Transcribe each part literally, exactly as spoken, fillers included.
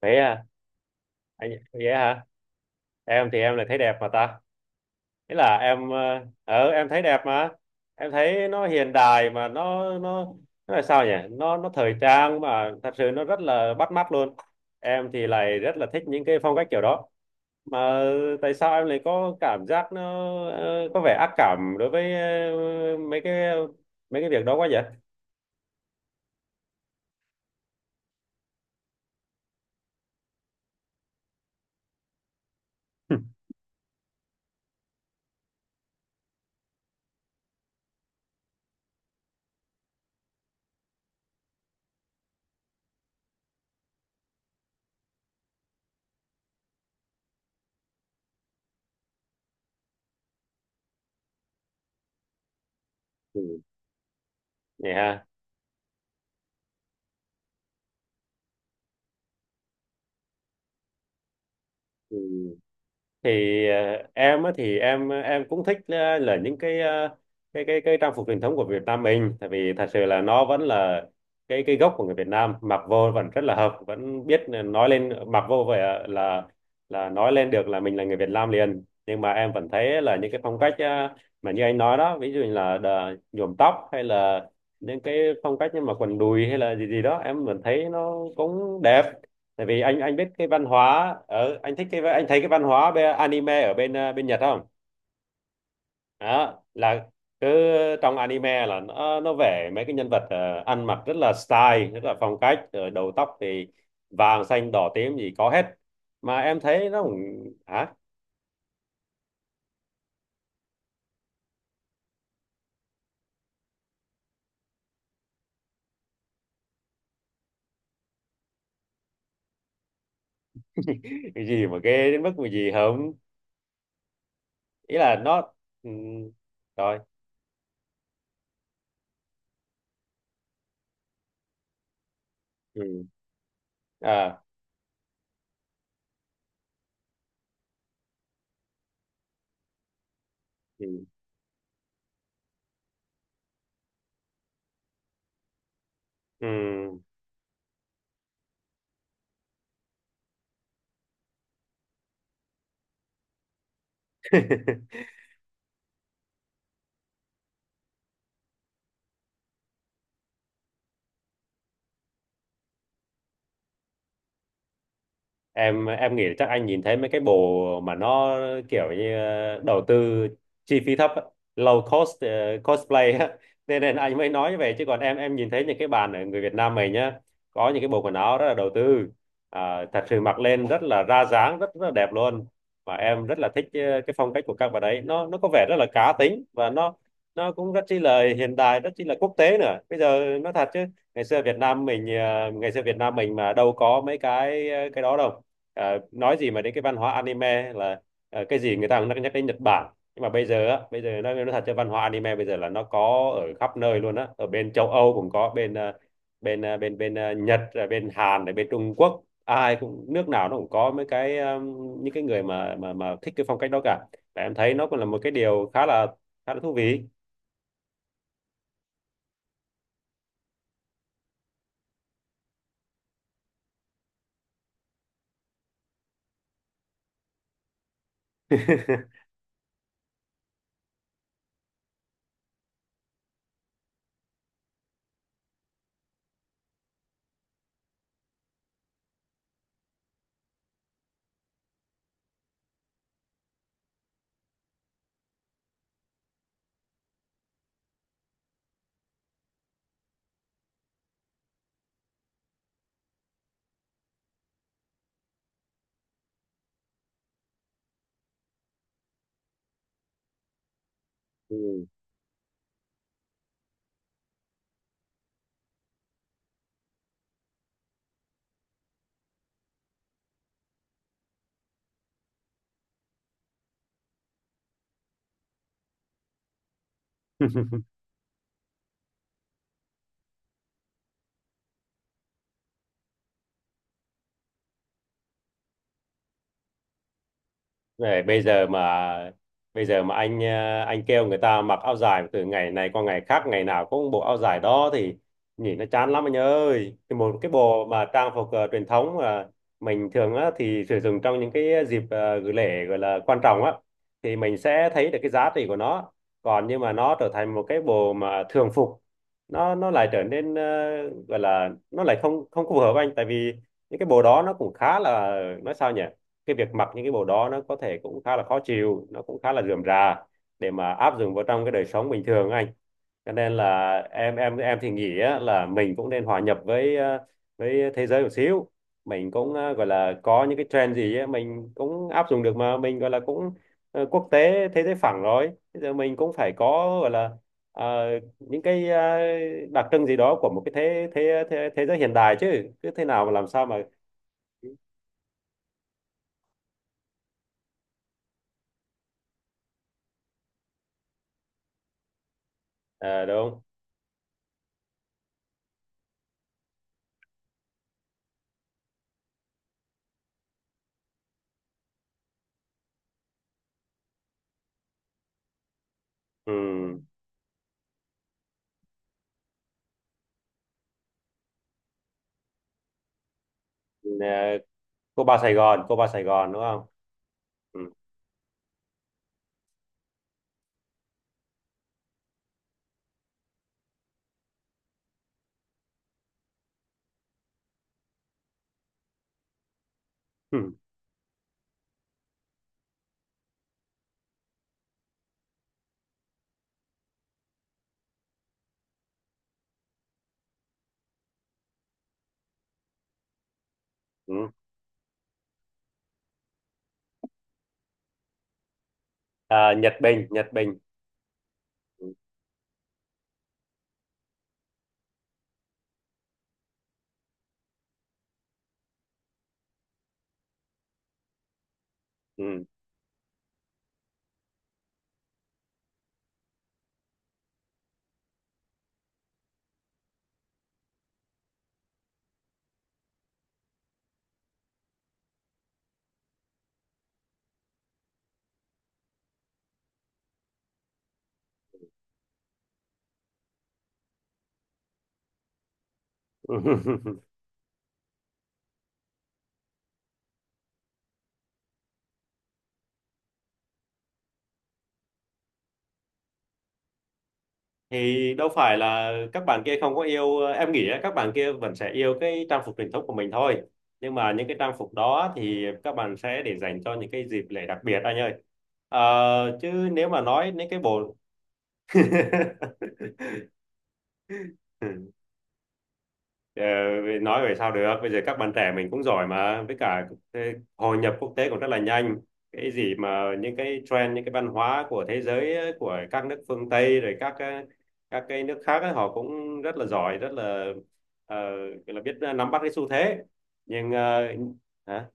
Vậy à? Anh vậy hả? Em thì em lại thấy đẹp mà ta. Thế là em ờ ờ, em thấy đẹp mà. Em thấy nó hiện đại mà nó nó nó là sao nhỉ, nó nó thời trang mà thật sự nó rất là bắt mắt luôn. Em thì lại rất là thích những cái phong cách kiểu đó mà. Tại sao em lại có cảm giác nó ờ, có vẻ ác cảm đối với ờ, mấy cái mấy cái việc đó quá vậy? Ừ. Vậy ha. Ừ. Thì ờ, em á thì em em cũng thích ờ, là những cái ờ, cái cái cái trang phục truyền thống của Việt Nam mình, tại vì thật sự là nó vẫn là cái cái gốc của người Việt Nam, mặc vô vẫn rất là hợp, vẫn biết nói lên, mặc vô vậy là là là nói lên được là mình là người Việt Nam liền. Nhưng mà em vẫn thấy là những cái phong cách ờ, mà như anh nói đó, ví dụ như là đờ- nhuộm tóc hay là những cái phong cách như mà quần đùi hay là gì gì đó, em vẫn thấy nó cũng đẹp. Tại vì anh anh biết cái văn hóa ở, anh thích cái, anh thấy cái văn hóa bên, anime ở bên ờ, bên Nhật không? Đó là cứ, trong anime là nó nó vẽ mấy cái nhân vật ờ, ăn mặc rất là style, rất là phong cách, rồi đầu tóc thì vàng xanh đỏ tím gì có hết mà em thấy nó cũng hả. Cái gì mà ghê đến mức mà gì không? Ý là nó, ừ, rồi, ừ, à, ừ, Ừ. em em nghĩ là chắc anh nhìn thấy mấy cái bộ mà nó kiểu như ờ, đầu tư chi phí thấp á, low cost ờ, cosplay á nên nên anh mới nói như vậy. Chứ còn em em nhìn thấy những cái bạn ở người Việt Nam mình nhá, có những cái bộ quần áo rất là đầu tư, à, thật sự mặc lên rất là ra dáng, rất rất là đẹp luôn. Và em rất là thích ờ, cái phong cách của các bạn ấy, nó nó có vẻ rất là cá tính và nó nó cũng rất chi là hiện đại, rất chi là quốc tế nữa. Bây giờ nó thật chứ ngày xưa Việt Nam mình ờ, ngày xưa Việt Nam mình mà đâu có mấy cái ờ, cái đó đâu. Ờ, nói gì mà đến cái văn hóa anime là ờ, cái gì người ta cũng nhắc đến Nhật Bản. Nhưng mà bây giờ á, bây giờ nó nó thật cho văn hóa anime bây giờ là nó có ở khắp nơi luôn á. Ở bên châu Âu cũng có, bên ờ, bên ờ, bên bên ờ, Nhật, rồi bên Hàn, rồi bên Trung Quốc, ai cũng, nước nào nó cũng có mấy cái ờ, những cái người mà mà mà thích cái phong cách đó cả. Và em thấy nó cũng là một cái điều khá là khá là thú vị. Ừ. Này, bây giờ mà, bây giờ mà anh ờ, anh kêu người ta mặc áo dài từ ngày này qua ngày khác, ngày nào cũng bộ áo dài đó thì nhìn nó chán lắm anh ơi. Thì một cái bộ mà trang phục ờ, truyền thống mà mình thường á, thì sử dụng trong những cái dịp ờ, gửi lễ gọi là quan trọng á, thì mình sẽ thấy được cái giá trị của nó. Còn nhưng mà nó trở thành một cái bộ mà thường phục, nó nó lại trở nên ờ, gọi là, nó lại không, không phù hợp anh. Tại vì những cái bộ đó nó cũng khá là, nói sao nhỉ, cái việc mặc những cái bộ đó nó có thể cũng khá là khó chịu, nó cũng khá là rườm rà để mà áp dụng vào trong cái đời sống bình thường á anh. Cho nên là em em em thì nghĩ á, là mình cũng nên hòa nhập với ờ, với thế giới một xíu. Mình cũng ờ, gọi là có những cái trend gì á, mình cũng áp dụng được, mà mình gọi là cũng ờ, quốc tế, thế giới phẳng rồi, bây giờ mình cũng phải có, gọi là, ờ, những cái ờ, đặc trưng gì đó của một cái thế thế thế thế giới hiện đại, chứ cứ thế nào mà làm sao mà. Ờ, đúng. Ừ. Ờ, cô ba Sài Gòn, cô ba Sài Gòn đúng không? Ừ. Ừ. Ừ. À, Nhật Bình, Nhật Bình. Ừ. Ừ. Thì đâu phải là các bạn kia không có yêu. Em nghĩ á, các bạn kia vẫn sẽ yêu cái trang phục truyền thống của mình thôi. Nhưng mà những cái trang phục đó thì các bạn sẽ để dành cho những cái dịp lễ đặc biệt anh ơi. Ờ, chứ nếu mà nói đến cái bộ. Ờ, nói về sao được, bây giờ các bạn trẻ mình cũng giỏi mà, với cả thế- hội nhập quốc tế cũng rất là nhanh. Cái gì mà những cái trend, những cái văn hóa của thế giới ấy, của các nước phương Tây, rồi các cái- các cái nước khác ấy, họ cũng rất là giỏi, rất là ờ, gọi là biết ờ, nắm bắt cái xu thế. Nhưng ờ, hả?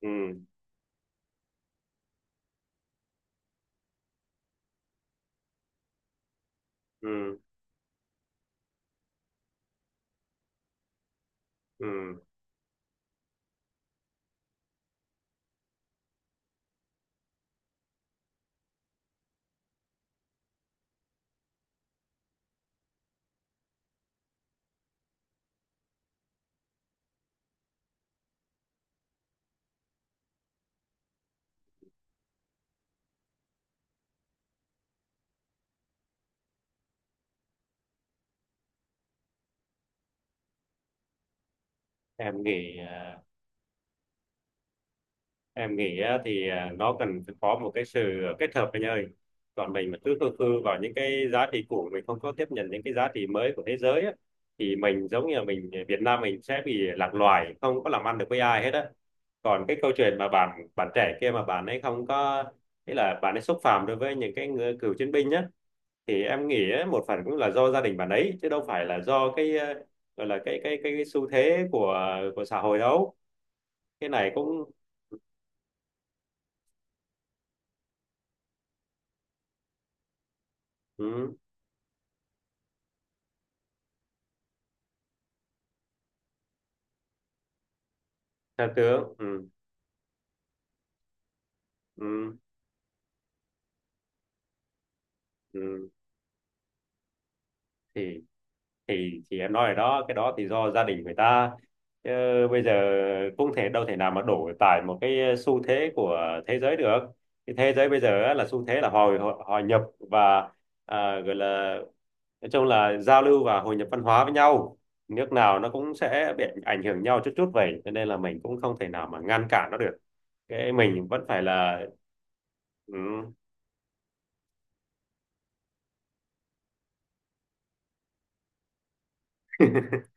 Ừ, ừ, ừ. em nghĩ ờ, em nghĩ á, thì à, nó cần phải có một cái sự kết hợp anh ơi. Còn mình mà cứ khư khư vào những cái giá trị cũ, mình không có tiếp nhận những cái giá trị mới của thế giới á, thì mình giống như là mình, à, Việt Nam mình sẽ bị lạc loài, không có làm ăn được với ai hết á. Còn cái câu chuyện mà bạn bạn trẻ kia mà bạn ấy không có, nghĩa là bạn ấy xúc phạm đối với những cái người cựu chiến binh nhá, thì em nghĩ á, một phần cũng là do gia đình bạn ấy, chứ đâu phải là do cái à, gọi là cái cái cái, cái xu thế của à, của xã hội đâu. Cái này cũng, ừ, theo tướng, ừ, ừ, ừ. thì thì thì em nói rồi đó, cái đó thì do gia đình người ta. Chứ bây giờ cũng thể đâu, thể nào mà đổ tại một cái ờ, xu thế của thế giới được. Cái thế giới bây giờ á, là xu thế là hồi hội nhập và à, gọi là, nói chung là giao lưu và hội nhập văn hóa với nhau. Nước nào nó cũng sẽ bị ảnh hưởng nhau chút chút vậy, cho nên là mình cũng không thể nào mà ngăn cản nó được. Cái mình vẫn phải là, ừ,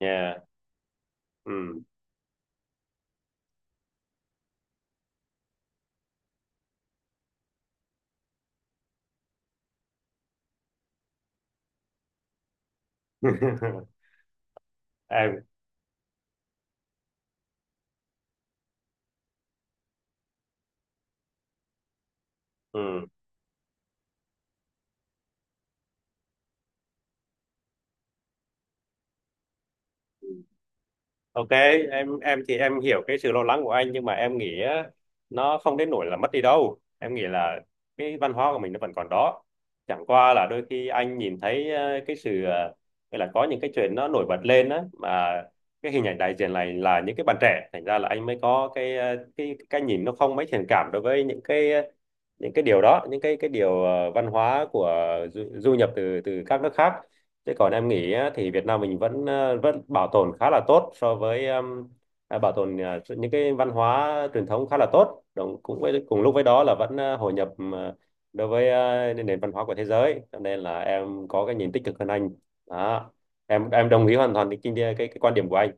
yeah, ừ. Em, ừ. Ok, em em thì em hiểu cái sự lo lắng của anh, nhưng mà em nghĩ á, nó không đến nỗi là mất đi đâu. Em nghĩ là cái văn hóa của mình nó vẫn còn đó. Chẳng qua là đôi khi anh nhìn thấy ờ, cái sự ờ, hay là có những cái chuyện nó nổi bật lên á, mà cái hình ảnh đại diện này là những cái bạn trẻ, thành ra là anh mới có cái ờ, cái cái nhìn nó không mấy thiện cảm đối với những cái ờ, những cái điều đó, những cái cái điều ờ, văn hóa của du, du nhập từ từ các nước khác. Chứ còn em nghĩ á, thì Việt Nam mình vẫn ờ, vẫn bảo tồn khá là tốt so với um, à, bảo tồn ờ, những cái văn hóa truyền thống khá là tốt. Đồng, cũng với, cùng lúc với đó là vẫn ờ, hội nhập ờ, đối với ờ, nền văn hóa của thế giới. Cho nên là em có cái nhìn tích cực hơn anh. Đó. Em em đồng ý hoàn toàn cái, cái, cái, quan điểm của anh.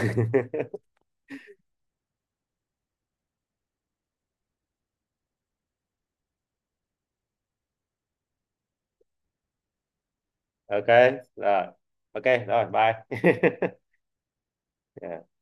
Ok, rồi. Ok, rồi, bye. Yeah.